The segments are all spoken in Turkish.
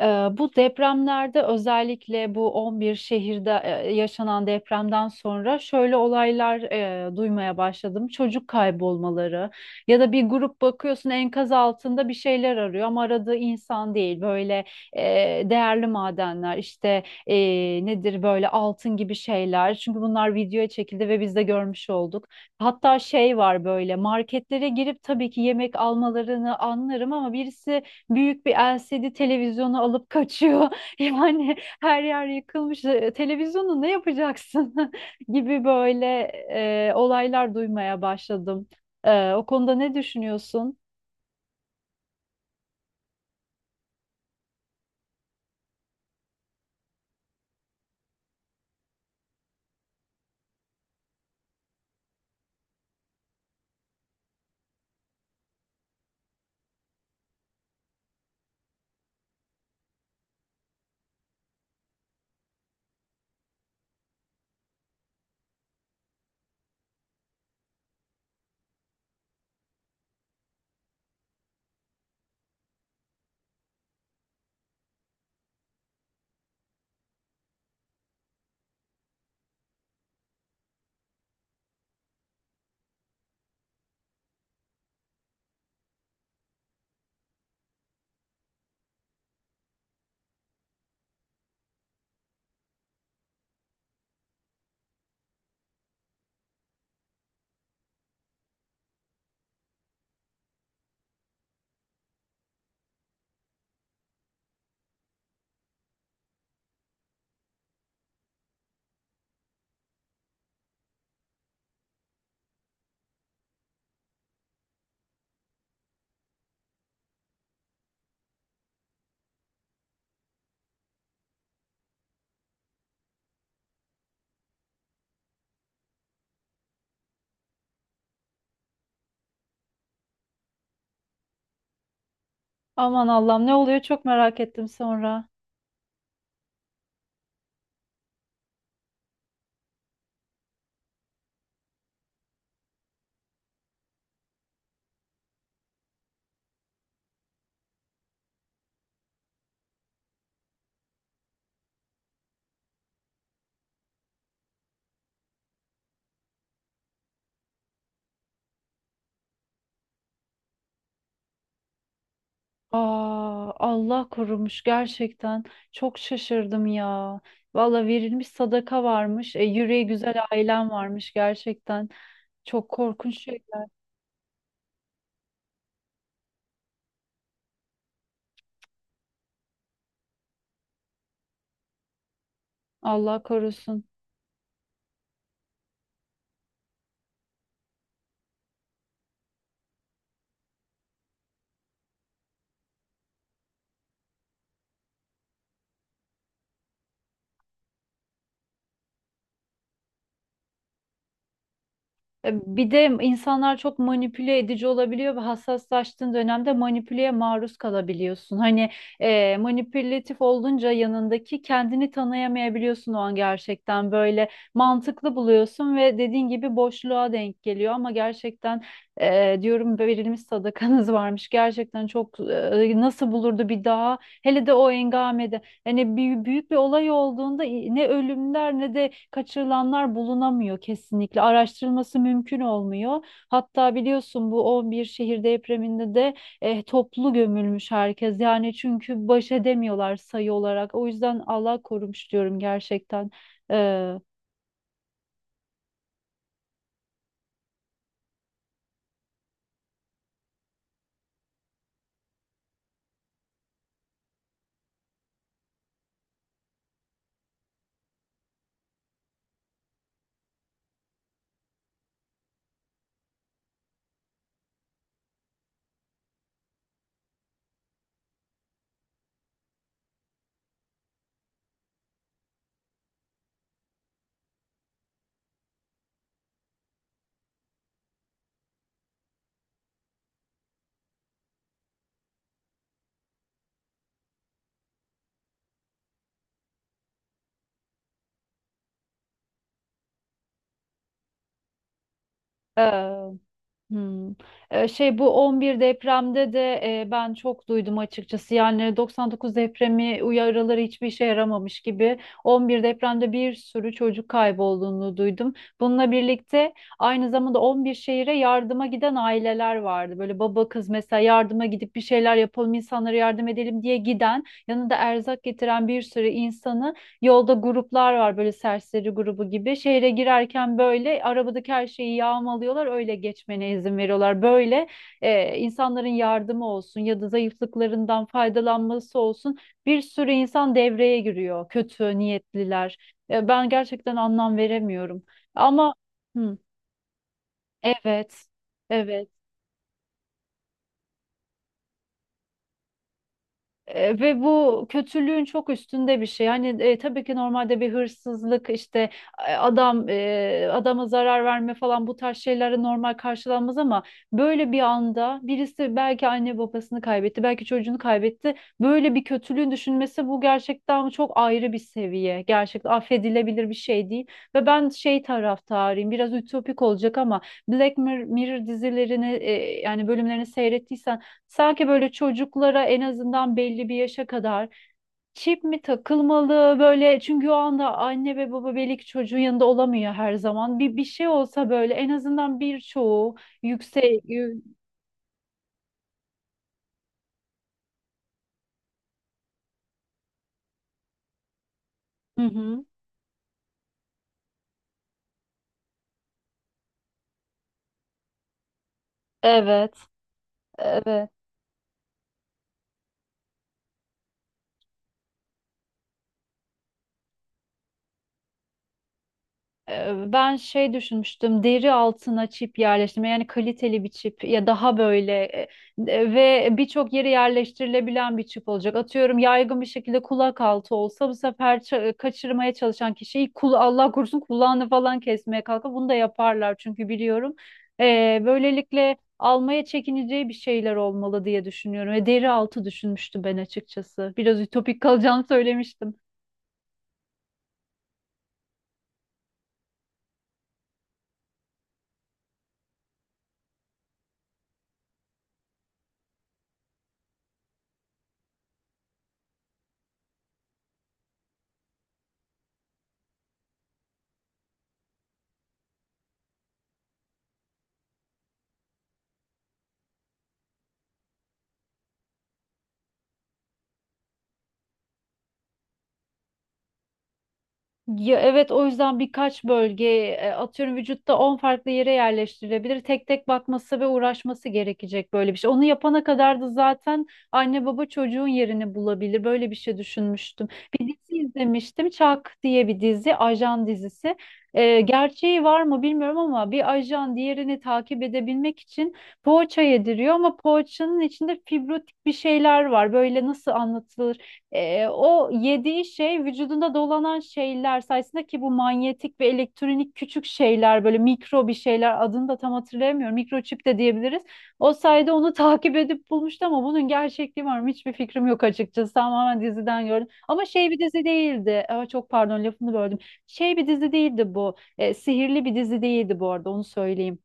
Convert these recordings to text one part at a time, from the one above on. Ee, Bu depremlerde özellikle bu 11 şehirde yaşanan depremden sonra şöyle olaylar duymaya başladım. Çocuk kaybolmaları ya da bir grup bakıyorsun enkaz altında bir şeyler arıyor ama aradığı insan değil. Böyle e, değerli madenler işte nedir böyle altın gibi şeyler. Çünkü bunlar videoya çekildi ve biz de görmüş olduk. Hatta şey var, böyle marketlere girip, tabii ki yemek almalarını anlarım ama birisi büyük bir LCD televizyonu alıp kaçıyor. Yani her yer yıkılmış. Televizyonu ne yapacaksın gibi böyle olaylar duymaya başladım. O konuda ne düşünüyorsun? Aman Allah'ım, ne oluyor, çok merak ettim sonra. Aa, Allah korumuş gerçekten. Çok şaşırdım ya. Valla verilmiş sadaka varmış. Yüreği güzel ailem varmış gerçekten. Çok korkunç şeyler. Allah korusun. Bir de insanlar çok manipüle edici olabiliyor ve hassaslaştığın dönemde manipüleye maruz kalabiliyorsun. Hani, manipülatif olunca yanındaki kendini tanıyamayabiliyorsun, o an gerçekten böyle mantıklı buluyorsun ve dediğin gibi boşluğa denk geliyor ama gerçekten, diyorum, verilmiş sadakanız varmış. Gerçekten çok, nasıl bulurdu bir daha, hele de o engamede. Hani büyük, büyük bir olay olduğunda ne ölümler ne de kaçırılanlar bulunamıyor kesinlikle. Araştırılması mümkün olmuyor. Hatta biliyorsun, bu 11 şehir depreminde de toplu gömülmüş herkes. Yani çünkü baş edemiyorlar sayı olarak. O yüzden Allah korumuş diyorum gerçekten. Ee, Hmm. Şey, bu 11 depremde de ben çok duydum açıkçası. Yani 99 depremi uyarıları hiçbir işe yaramamış gibi. 11 depremde bir sürü çocuk kaybolduğunu duydum. Bununla birlikte aynı zamanda 11 şehire yardıma giden aileler vardı. Böyle baba kız mesela, yardıma gidip bir şeyler yapalım, insanlara yardım edelim diye giden, yanında erzak getiren bir sürü insanı. Yolda gruplar var böyle serseri grubu gibi. Şehre girerken böyle arabadaki her şeyi yağmalıyorlar. Öyle geçmene izin veriyorlar. Böyle insanların yardımı olsun ya da zayıflıklarından faydalanması olsun. Bir sürü insan devreye giriyor. Kötü niyetliler. Ben gerçekten anlam veremiyorum. Ama hı, evet. Evet. Ve bu kötülüğün çok üstünde bir şey. Hani, tabii ki normalde bir hırsızlık işte, adama zarar verme falan bu tarz şeylere normal karşılanmaz ama böyle bir anda birisi belki anne babasını kaybetti, belki çocuğunu kaybetti. Böyle bir kötülüğün düşünmesi, bu gerçekten çok ayrı bir seviye. Gerçekten affedilebilir bir şey değil. Ve ben şey taraftarıyım, biraz ütopik olacak ama Mirror dizilerini, yani bölümlerini seyrettiysen, sanki böyle çocuklara en azından belli bir yaşa kadar çip mi takılmalı böyle, çünkü o anda anne ve baba belli ki çocuğun yanında olamıyor her zaman. Bir şey olsa böyle en azından birçoğu yüksek. Hı hı. Evet, evet. Ben şey düşünmüştüm, deri altına çip yerleştirme, yani kaliteli bir çip, ya daha böyle ve birçok yere yerleştirilebilen bir çip olacak. Atıyorum yaygın bir şekilde kulak altı olsa, bu sefer kaçırmaya çalışan kişiyi kul, Allah korusun, kulağını falan kesmeye kalkar. Bunu da yaparlar çünkü biliyorum. Böylelikle almaya çekineceği bir şeyler olmalı diye düşünüyorum. Ve deri altı düşünmüştüm ben açıkçası. Biraz ütopik kalacağını söylemiştim. Ya evet, o yüzden birkaç bölge, atıyorum vücutta 10 farklı yere yerleştirilebilir. Tek tek bakması ve uğraşması gerekecek böyle bir şey. Onu yapana kadar da zaten anne baba çocuğun yerini bulabilir. Böyle bir şey düşünmüştüm. Bir dizi izlemiştim. Çak diye bir dizi, ajan dizisi. Gerçeği var mı bilmiyorum ama bir ajan diğerini takip edebilmek için poğaça yediriyor ama poğaçanın içinde fibrotik bir şeyler var. Böyle nasıl, o yediği şey vücudunda dolanan şeyler sayesinde, ki bu manyetik ve elektronik küçük şeyler, böyle mikro bir şeyler, adını da tam hatırlayamıyorum. Mikroçip de diyebiliriz. O sayede onu takip edip bulmuştu, ama bunun gerçekliği var mı? Hiçbir fikrim yok açıkçası. Tamamen diziden gördüm. Ama şey, bir dizi değildi. Aa, çok pardon, lafını böldüm. Şey, bir dizi değildi bu. Sihirli bir dizi değildi bu arada, onu söyleyeyim.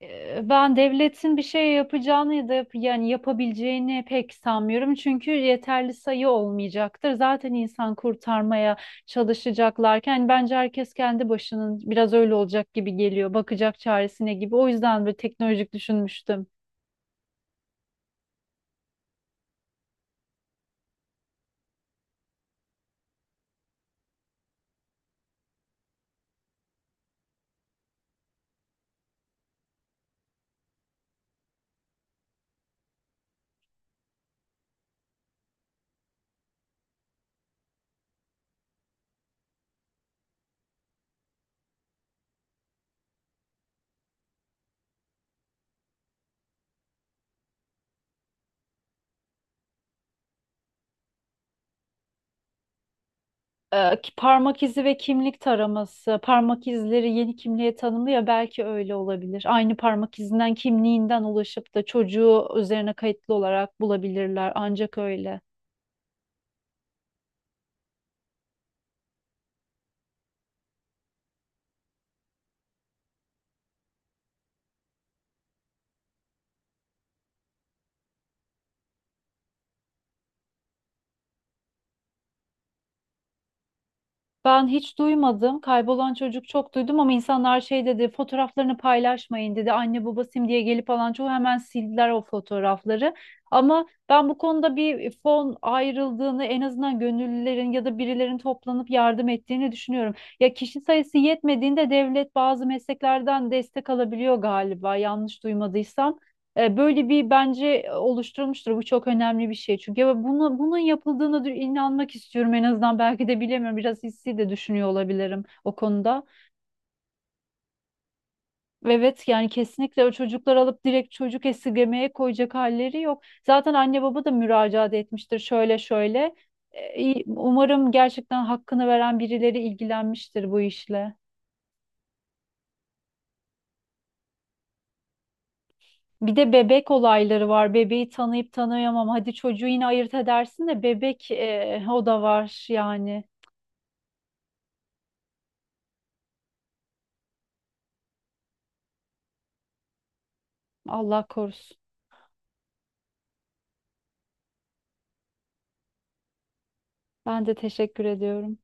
Ben devletin bir şey yapacağını ya da yani yapabileceğini pek sanmıyorum. Çünkü yeterli sayı olmayacaktır. Zaten insan kurtarmaya çalışacaklarken hani bence herkes kendi başının biraz öyle olacak gibi geliyor. Bakacak çaresine gibi. O yüzden böyle teknolojik düşünmüştüm. Ki parmak izi ve kimlik taraması. Parmak izleri yeni kimliğe tanımlı ya, belki öyle olabilir. Aynı parmak izinden kimliğinden ulaşıp da çocuğu üzerine kayıtlı olarak bulabilirler. Ancak öyle. Ben hiç duymadım. Kaybolan çocuk çok duydum ama insanlar şey dedi, fotoğraflarını paylaşmayın dedi. Anne baba diye gelip alan çoğu hemen sildiler o fotoğrafları. Ama ben bu konuda bir fon ayrıldığını, en azından gönüllülerin ya da birilerin toplanıp yardım ettiğini düşünüyorum. Ya kişi sayısı yetmediğinde devlet bazı mesleklerden destek alabiliyor galiba, yanlış duymadıysam. Böyle bir bence oluşturmuştur. Bu çok önemli bir şey. Çünkü ya buna, bunun yapıldığına inanmak istiyorum en azından. Belki de bilemiyorum. Biraz hissi de düşünüyor olabilirim o konuda. Evet, yani kesinlikle o çocuklar alıp direkt çocuk esirgemeye koyacak halleri yok. Zaten anne baba da müracaat etmiştir şöyle şöyle. Umarım gerçekten hakkını veren birileri ilgilenmiştir bu işle. Bir de bebek olayları var. Bebeği tanıyıp tanıyamam. Hadi çocuğu yine ayırt edersin de bebek, o da var yani. Allah korusun. Ben de teşekkür ediyorum.